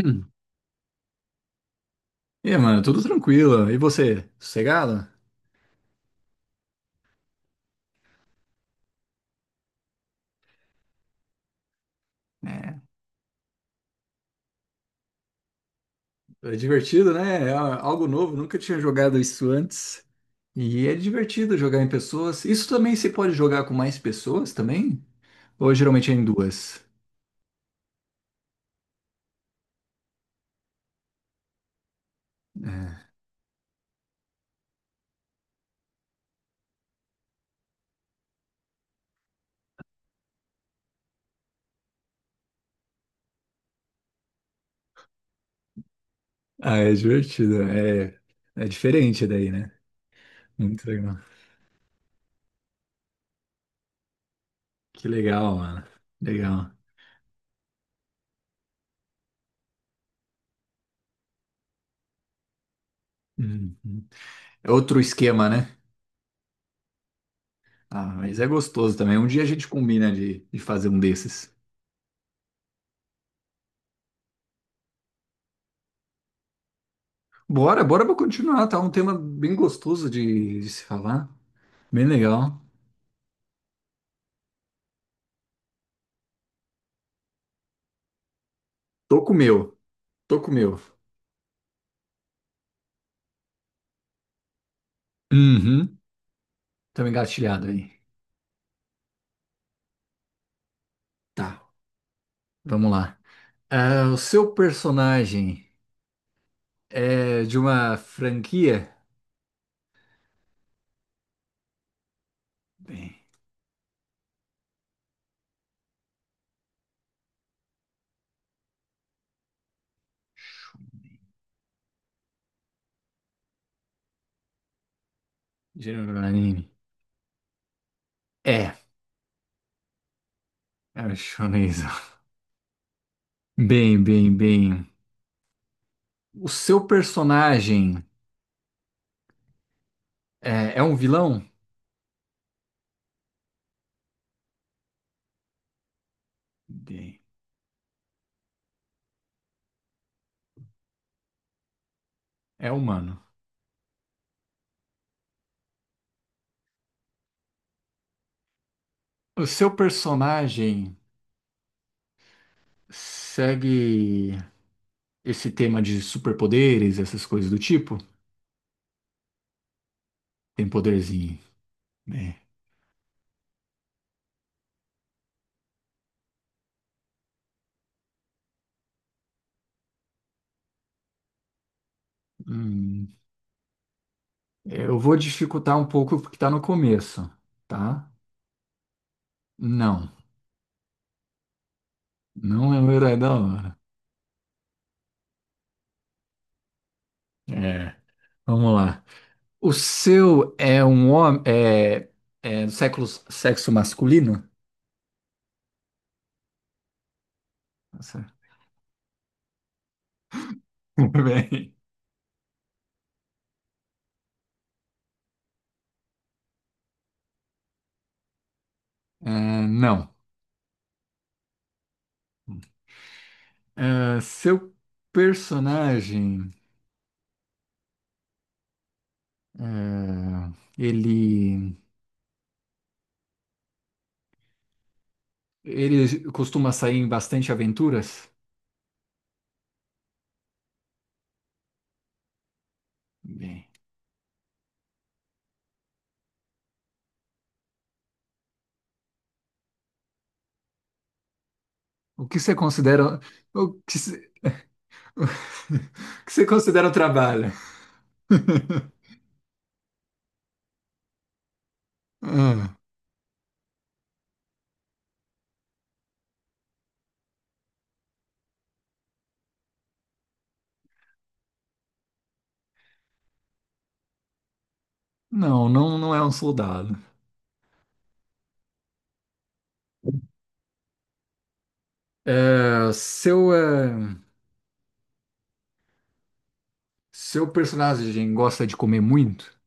Hum. E aí, mano, tudo tranquilo. E você, sossegado? É, É divertido, né? É algo novo, nunca tinha jogado isso antes. E é divertido jogar em pessoas. Isso também se pode jogar com mais pessoas também? Ou geralmente é em duas? Ah, é divertido. É, é diferente daí, né? Muito legal. Que legal, mano. Legal. Uhum. É outro esquema, né? Ah, mas é gostoso também. Um dia a gente combina de fazer um desses. Bora pra continuar, tá? Um tema bem gostoso de se falar. Bem legal. Tô com o meu, tô com o meu. Uhum. Tamo engatilhado aí. Tá, vamos lá. Ah, o seu personagem é de uma franquia? Bem, gênero do anime. É, é um shonen. Bem. O seu personagem é um vilão? Bem, é humano. O seu personagem segue esse tema de superpoderes, essas coisas do tipo, tem poderzinho, né? Hum, eu vou dificultar um pouco porque tá no começo, tá? Não, não é o herói da hora. É, vamos lá. O seu é um homem, é do século, sexo masculino? Nossa, muito bem. É, não. Seu personagem, é, ele, ele costuma sair em bastante aventuras? Bem. O que você considera. O que você, o que você considera o trabalho? Ah, não, não é um soldado. É, seu, é, seu personagem gosta de comer muito?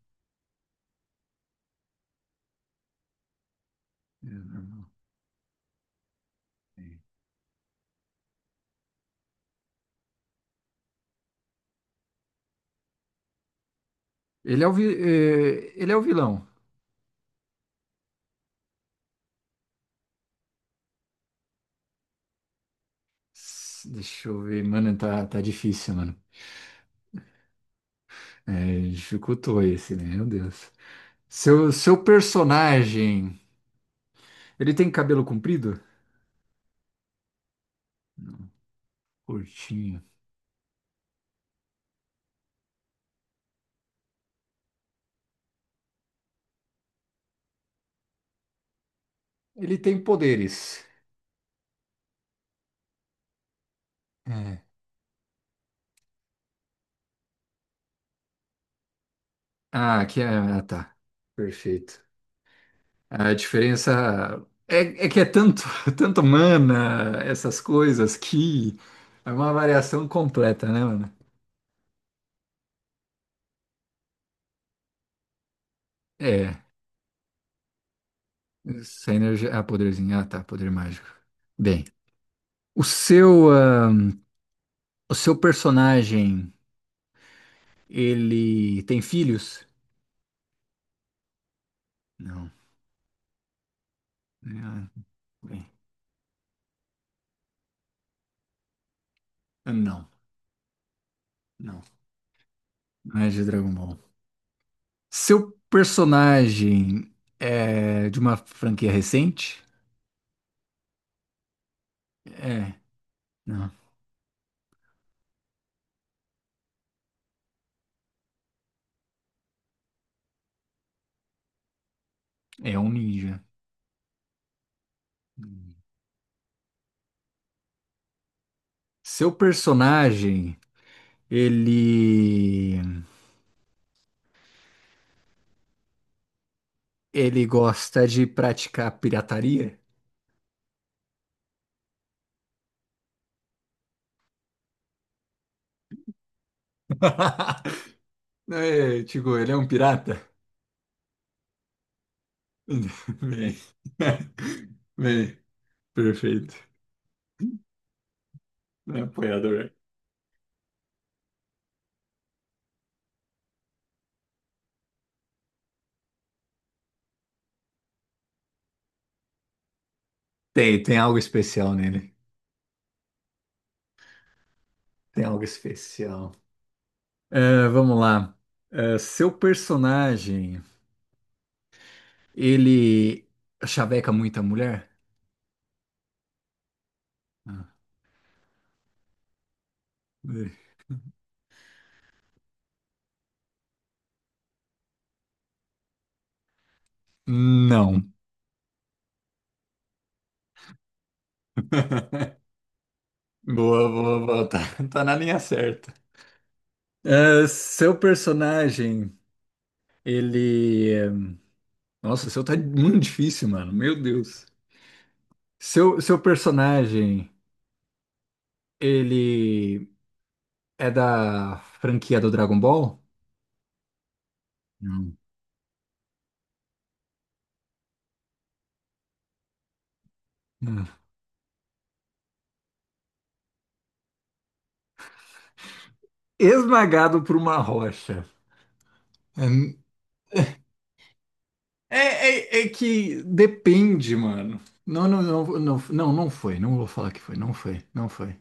Ele é o, vi- é, ele é o vilão. Deixa eu ver, mano, tá, tá difícil, mano. É, dificultou esse, né? Meu Deus. Seu personagem, ele tem cabelo comprido? Curtinho. Ele tem poderes. É. Ah, aqui é. Ah, tá. Perfeito. A diferença é que é tanto, tanto mana, essas coisas, que é uma variação completa, né, mano? É. Essa energia. Ah, poderzinho. Ah, tá. Poder mágico. Bem. O seu, ah, o seu personagem, ele tem filhos? Não. Ah, bem. Ah, Não. Não. Não é de Dragon Ball. Seu personagem é de uma franquia recente? É. Não. É um ninja. Seu personagem, ele ele gosta de praticar pirataria? É, tipo, ele é um pirata? Bem, bem, perfeito. É apoiador. Tem, tem algo especial nele. Tem algo especial. É, vamos lá. É, seu personagem, ele chaveca muita mulher? Ah, é. Não. Boa. Tá, tá na linha certa. Ah, seu personagem, ele. Nossa, o seu tá muito difícil, mano. Meu Deus. Seu personagem, ele é da franquia do Dragon Ball? Não. Hum. Esmagado por uma rocha. É, é que depende, mano. Não foi. Não vou falar que foi. Não foi. Não foi.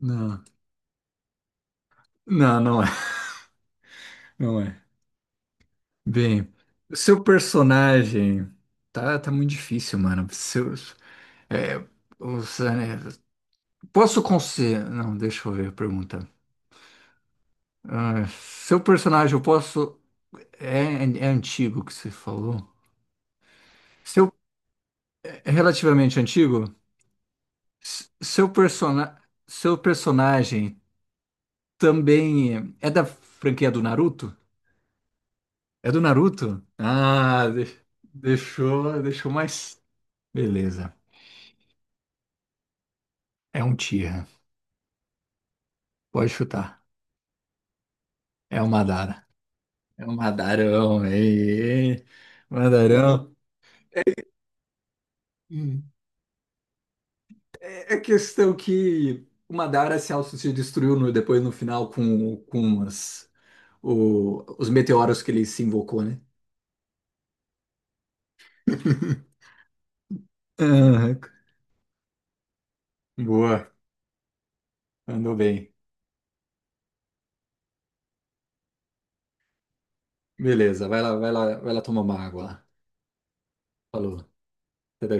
Não. Não, não é. Não é. Bem, seu personagem. Tá, tá muito difícil, mano. Seu, É, os, é, posso considerar. Não, deixa eu ver a pergunta. Ah, seu personagem, eu posso. É, é antigo que você falou? Seu, é relativamente antigo? S- Seu, persona, seu personagem também é da franquia do Naruto? É do Naruto? Deixou, deixou mais. Beleza. É um Tira. Pode chutar. É um Madara. É um Madarão, hein? Madarão. É questão que o Madara se autodestruiu no, depois no final com as, os meteoros que ele se invocou, né? Aham. Boa, andou bem. Beleza, vai lá, vai lá, vai lá tomar uma água lá. Falou. Até daqui.